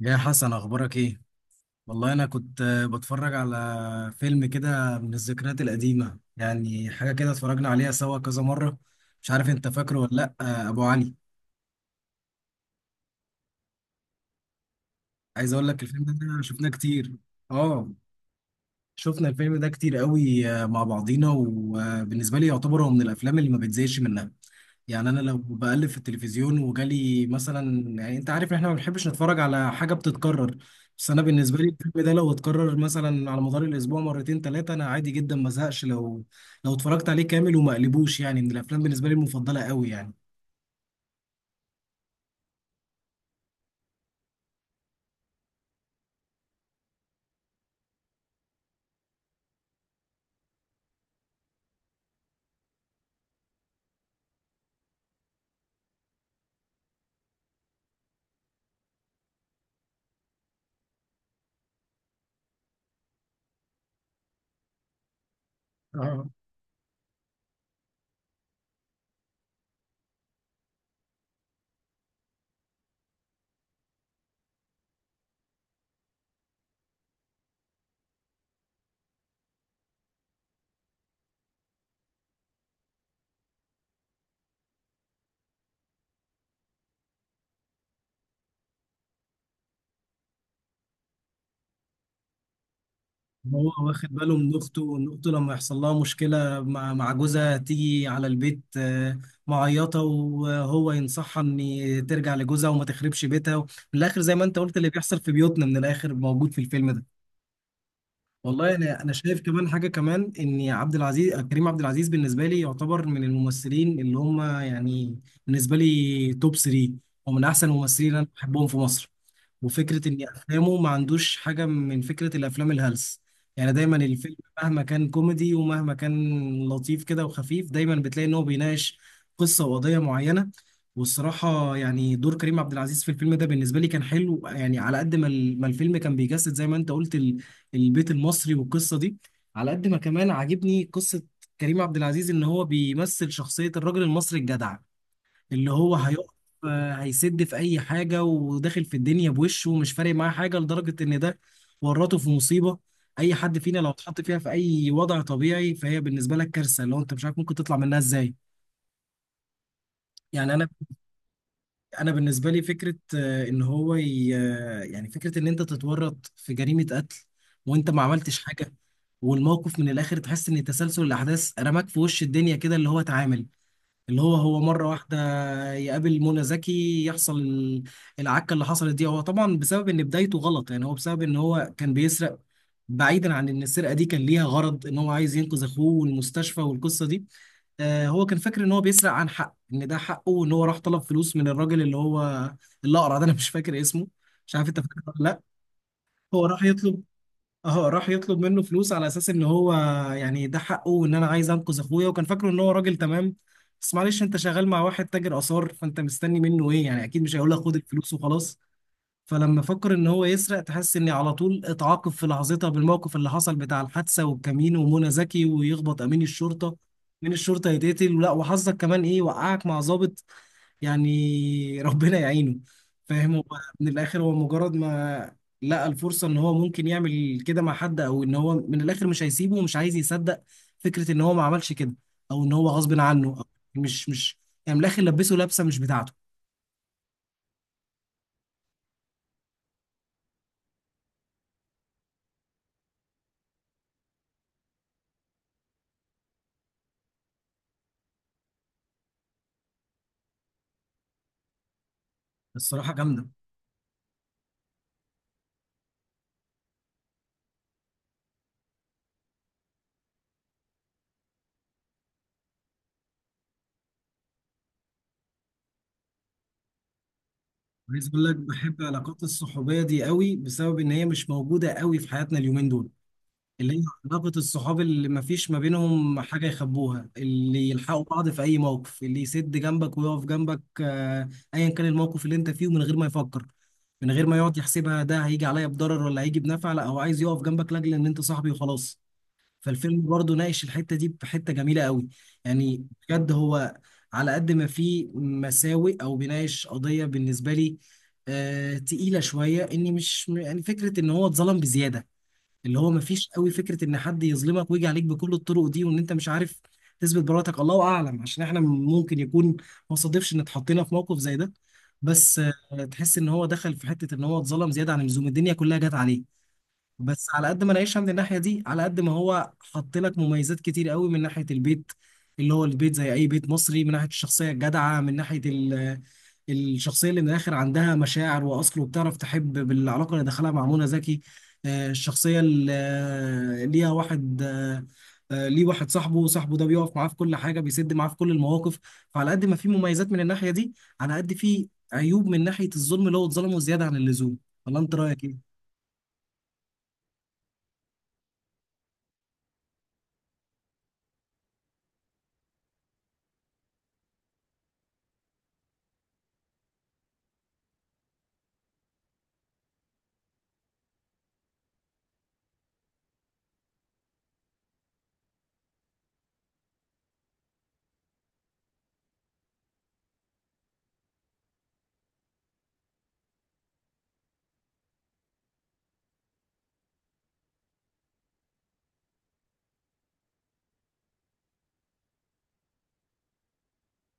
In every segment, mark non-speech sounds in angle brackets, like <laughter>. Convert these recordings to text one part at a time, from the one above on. يا حسن، اخبارك ايه؟ والله انا كنت بتفرج على فيلم كده من الذكريات القديمة، يعني حاجة كده اتفرجنا عليها سوا كذا مرة. مش عارف انت فاكره ولا لا، ابو علي. عايز اقول لك الفيلم ده شفناه كتير. اه، شفنا الفيلم ده كتير قوي مع بعضينا، وبالنسبة لي يعتبر هو من الافلام اللي ما بتزهقش منها. يعني انا لو بقلب في التلفزيون وجالي مثلا، يعني انت عارف ان احنا ما بنحبش نتفرج على حاجه بتتكرر. بس انا بالنسبه لي الفيلم ده لو اتكرر مثلا على مدار الاسبوع مرتين ثلاثه، انا عادي جدا ما زهقش، لو اتفرجت عليه كامل وما قلبوش. يعني من الافلام بالنسبه لي المفضله قوي يعني. اه، إن هو واخد باله من اخته، وان اخته لما يحصل لها مشكله مع جوزها تيجي على البيت معيطه، وهو ينصحها ان ترجع لجوزها وما تخربش بيتها. من الاخر زي ما انت قلت، اللي بيحصل في بيوتنا من الاخر موجود في الفيلم ده. والله انا شايف كمان حاجه كمان، ان عبد العزيز كريم عبد العزيز بالنسبه لي يعتبر من الممثلين اللي هم يعني بالنسبه لي توب 3، ومن احسن الممثلين اللي انا بحبهم في مصر. وفكره ان افلامه ما عندوش حاجه من فكره الافلام الهلس. يعني دايما الفيلم مهما كان كوميدي ومهما كان لطيف كده وخفيف، دايما بتلاقي ان هو بيناقش قصه وقضيه معينه. والصراحه يعني دور كريم عبد العزيز في الفيلم ده بالنسبه لي كان حلو. يعني على قد ما ما الفيلم كان بيجسد زي ما انت قلت البيت المصري والقصه دي، على قد ما كمان عاجبني قصه كريم عبد العزيز ان هو بيمثل شخصيه الراجل المصري الجدع، اللي هو هيقف هيسد في اي حاجه، وداخل في الدنيا بوشه ومش فارق معاه حاجه، لدرجه ان ده ورطه في مصيبه. اي حد فينا لو اتحط فيها في اي وضع طبيعي، فهي بالنسبه لك كارثه، اللي هو انت مش عارف ممكن تطلع منها ازاي. يعني انا بالنسبه لي فكره ان هو يعني فكره ان انت تتورط في جريمه قتل وانت ما عملتش حاجه. والموقف من الاخر تحس ان تسلسل الاحداث رماك في وش الدنيا كده، اللي هو اتعامل، اللي هو مرة واحدة يقابل منى زكي يحصل العكة اللي حصلت دي. هو طبعا بسبب ان بدايته غلط، يعني هو بسبب ان هو كان بيسرق. بعيدا عن ان السرقة دي كان ليها غرض، ان هو عايز ينقذ اخوه والمستشفى والقصة دي. هو كان فاكر ان هو بيسرق عن حق، ان ده حقه، وان هو راح طلب فلوس من الراجل اللي هو الاقرع ده. انا مش فاكر اسمه، مش عارف انت فاكر ولا لا. هو راح يطلب اه راح يطلب منه فلوس على اساس ان هو يعني ده حقه، وان انا عايز انقذ اخويا، وكان فاكره ان هو راجل تمام. بس معلش، انت شغال مع واحد تاجر اثار، فانت مستني منه ايه؟ يعني اكيد مش هيقول لك خد الفلوس وخلاص. فلما فكر ان هو يسرق، تحس اني على طول اتعاقب في لحظتها بالموقف اللي حصل بتاع الحادثه والكمين ومنى زكي ويخبط امين الشرطه. امين الشرطه يتقتل، لا وحظك كمان ايه، وقعك مع ضابط. يعني <laughs> ربنا يعينه. فاهم. هو من الاخر، هو مجرد ما لقى الفرصه ان هو ممكن يعمل كده مع حد، او ان هو من الاخر مش هيسيبه، ومش عايز يصدق فكره ان هو ما عملش كده، او ان هو غصب عنه، أو مش، يعني من الاخر لبسه لبسه مش بتاعته. الصراحه جامده. عايز اقول لك، بحب العلاقات الصحوبيه دي قوي بسبب ان هي مش موجوده قوي في حياتنا اليومين دول. اللي هي علاقه الصحاب اللي ما فيش ما بينهم حاجه يخبوها، اللي يلحقوا بعض في اي موقف، اللي يسد جنبك ويقف جنبك، ايا كان الموقف اللي انت فيه، من غير ما يفكر، من غير ما يقعد يحسبها ده هيجي عليا بضرر ولا هيجي بنفع. لا، هو عايز يقف جنبك لاجل ان انت صاحبي وخلاص. فالفيلم برضه ناقش الحتة دي بحتة جميلة قوي. يعني بجد هو على قد ما فيه مساوئ أو بيناقش قضية بالنسبة لي تقيلة شوية، إني مش يعني فكرة إن هو اتظلم بزيادة. اللي هو مفيش قوي فكرة إن حد يظلمك ويجي عليك بكل الطرق دي، وإن أنت مش عارف تثبت براءتك. الله أعلم، عشان إحنا ممكن يكون ما صادفش إن اتحطينا في موقف زي ده. بس تحس إن هو دخل في حتة إن هو اتظلم زيادة عن اللزوم، الدنيا كلها جت عليه. بس على قد ما نعيشها من الناحية دي، على قد ما هو حط لك مميزات كتير قوي: من ناحية البيت اللي هو البيت زي أي بيت مصري، من ناحية الشخصية الجدعة، من ناحية الشخصية اللي من الآخر عندها مشاعر وأصل وبتعرف تحب بالعلاقة اللي دخلها مع منى زكي، الشخصية اللي ليه واحد صاحبه صاحبه ده بيقف معاه في كل حاجة، بيسد معاه في كل المواقف. فعلى قد ما في مميزات من الناحية دي، على قد في عيوب من ناحية الظلم اللي هو اتظلمه زيادة عن اللزوم. ولا أنت رأيك إيه؟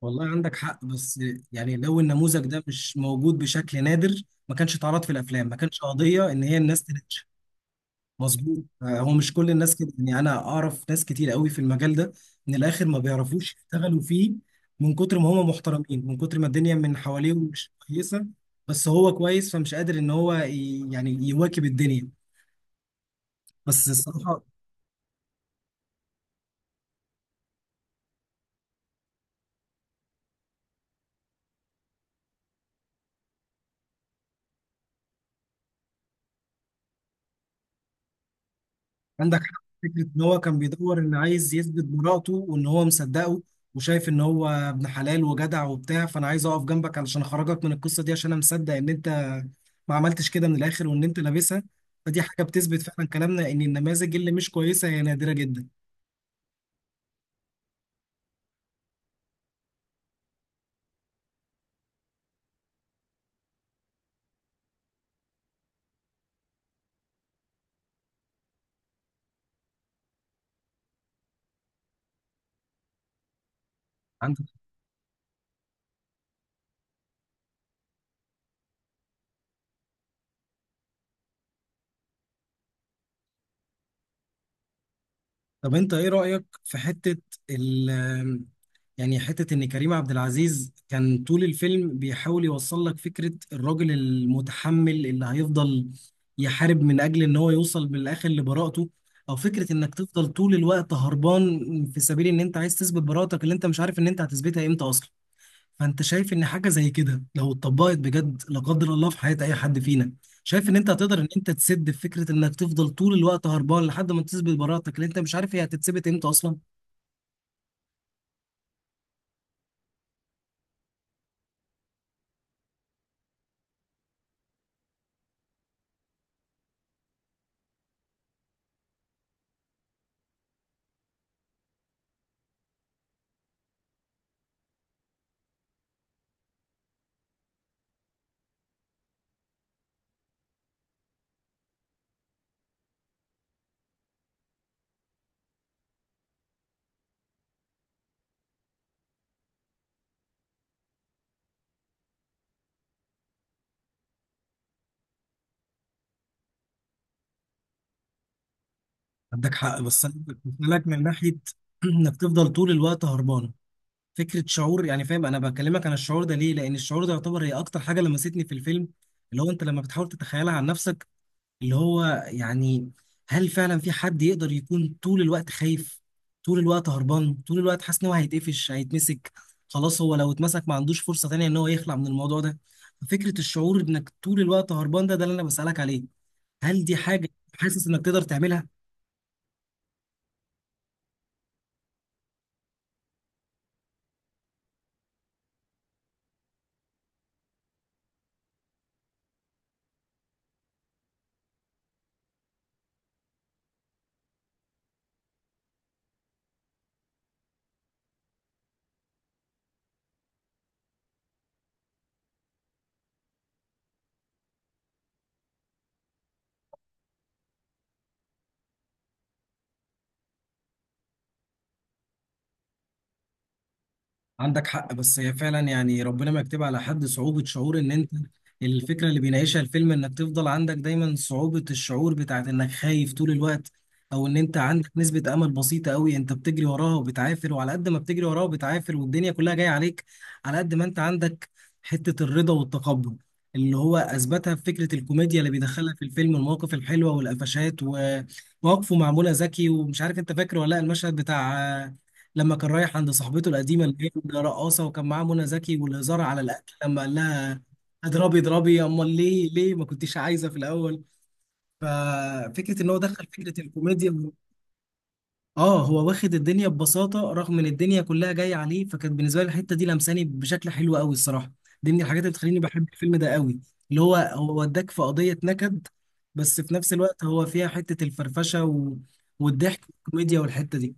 والله عندك حق، بس يعني لو النموذج ده مش موجود بشكل نادر، ما كانش اتعرض في الافلام، ما كانش قضيه ان هي الناس تنتشر. مظبوط. هو مش كل الناس كده، يعني انا اعرف ناس كتير قوي في المجال ده من الاخر ما بيعرفوش يشتغلوا فيه، من كتر ما هم محترمين، من كتر ما الدنيا من حواليهم مش كويسه. بس هو كويس فمش قادر ان هو يعني يواكب الدنيا. بس الصراحه، عندك حق في فكرة إن هو كان بيدور، إن عايز يثبت براءته، وإن هو مصدقه، وشايف إن هو ابن حلال وجدع وبتاع. فأنا عايز أقف جنبك علشان أخرجك من القصة دي، عشان أنا مصدق إن أنت ما عملتش كده من الآخر وإن أنت لابسها. فدي حاجة بتثبت فعلا كلامنا إن النماذج اللي مش كويسة هي نادرة جدا. عندك. طب أنت إيه رأيك في حتة ال- يعني حتة إن كريم عبد العزيز كان طول الفيلم بيحاول يوصل لك فكرة الراجل المتحمل اللي هيفضل يحارب من أجل إن هو يوصل بالآخر لبراءته، أو فكرة إنك تفضل طول الوقت هربان في سبيل إن أنت عايز تثبت براءتك اللي أنت مش عارف إن أنت هتثبتها إمتى أصلا؟ فأنت شايف إن حاجة زي كده لو اتطبقت بجد لا قدر الله في حياة أي حد فينا، شايف إن أنت هتقدر إن أنت تسد في فكرة إنك تفضل طول الوقت هربان لحد ما تثبت براءتك اللي أنت مش عارف هي هتتثبت إمتى أصلا؟ عندك حق، بس انا قلت لك من ناحيه <clears throat> انك تفضل طول الوقت هربان، فكره شعور. يعني فاهم انا بكلمك عن الشعور ده ليه، لان الشعور ده يعتبر هي اكتر حاجه لمستني في الفيلم. اللي هو انت لما بتحاول تتخيلها عن نفسك، اللي هو يعني هل فعلا في حد يقدر يكون طول الوقت خايف، طول الوقت هربان، طول الوقت حاسس ان هو هيتقفش هيتمسك؟ خلاص، هو لو اتمسك ما عندوش فرصه تانية ان هو يخلع من الموضوع ده. فكره الشعور انك طول الوقت هربان ده اللي انا بسالك عليه. هل دي حاجه حاسس انك تقدر تعملها؟ عندك حق، بس هي فعلا يعني ربنا ما يكتب على حد صعوبة شعور ان انت. الفكرة اللي بيناقشها الفيلم انك تفضل عندك دايما صعوبة الشعور بتاعت انك خايف طول الوقت، او ان انت عندك نسبة امل بسيطة قوي انت بتجري وراها وبتعافر، وعلى قد ما بتجري وراها وبتعافر والدنيا كلها جاية عليك، على قد ما انت عندك حتة الرضا والتقبل، اللي هو اثبتها في فكرة الكوميديا اللي بيدخلها في الفيلم، المواقف الحلوة والقفشات ومواقفه معمولة ذكي، ومش عارف انت فاكر ولا لا المشهد بتاع لما كان رايح عند صاحبته القديمه اللي هي رقاصه وكان معاه منى زكي، والهزار على الاكل لما قال لها: اضربي اضربي، امال ليه ليه ما كنتيش عايزه في الاول. ففكره ان هو دخل فكره الكوميديا. اه، هو واخد الدنيا ببساطه رغم ان الدنيا كلها جايه عليه، فكانت بالنسبه لي الحته دي لمساني بشكل حلو قوي الصراحه. دي من الحاجات اللي بتخليني بحب الفيلم ده قوي، اللي هو وداك في قضيه نكد، بس في نفس الوقت هو فيها حته الفرفشه والضحك والكوميديا والحته دي.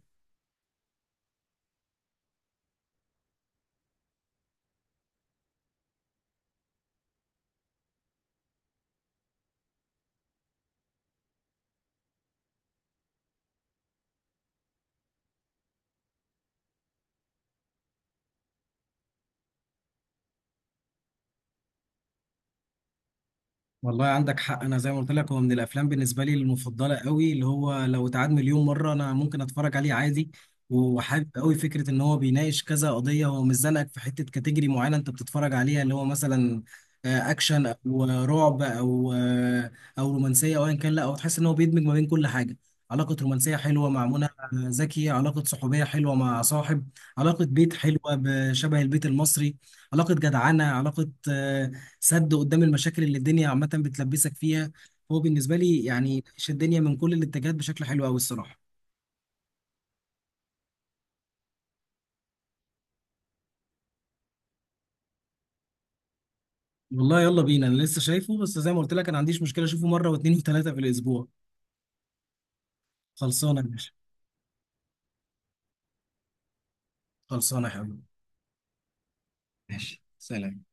والله عندك حق، انا زي ما قلت لك هو من الافلام بالنسبه لي المفضله قوي، اللي هو لو اتعاد مليون مره انا ممكن اتفرج عليه عادي. وحابب قوي فكره ان هو بيناقش كذا قضيه، هو مش زنقك في حته كاتيجوري معينه انت بتتفرج عليها، اللي هو مثلا اكشن او رعب او رومانسيه او ايا كان. لا، هو تحس ان هو بيدمج ما بين كل حاجه: علاقة رومانسية حلوة مع منى زكي، علاقة صحوبية حلوة مع صاحب، علاقة بيت حلوة بشبه البيت المصري، علاقة جدعنة، علاقة سد قدام المشاكل اللي الدنيا عامة بتلبسك فيها. هو بالنسبة لي يعني ناقش الدنيا من كل الاتجاهات بشكل حلو قوي الصراحة. والله يلا بينا، انا لسه شايفه، بس زي ما قلت لك انا ما عنديش مشكلة اشوفه مرة واثنين وثلاثة في الاسبوع. خلصانة يا باشا. خلصانة يا حبيبي. ماشي، سلام.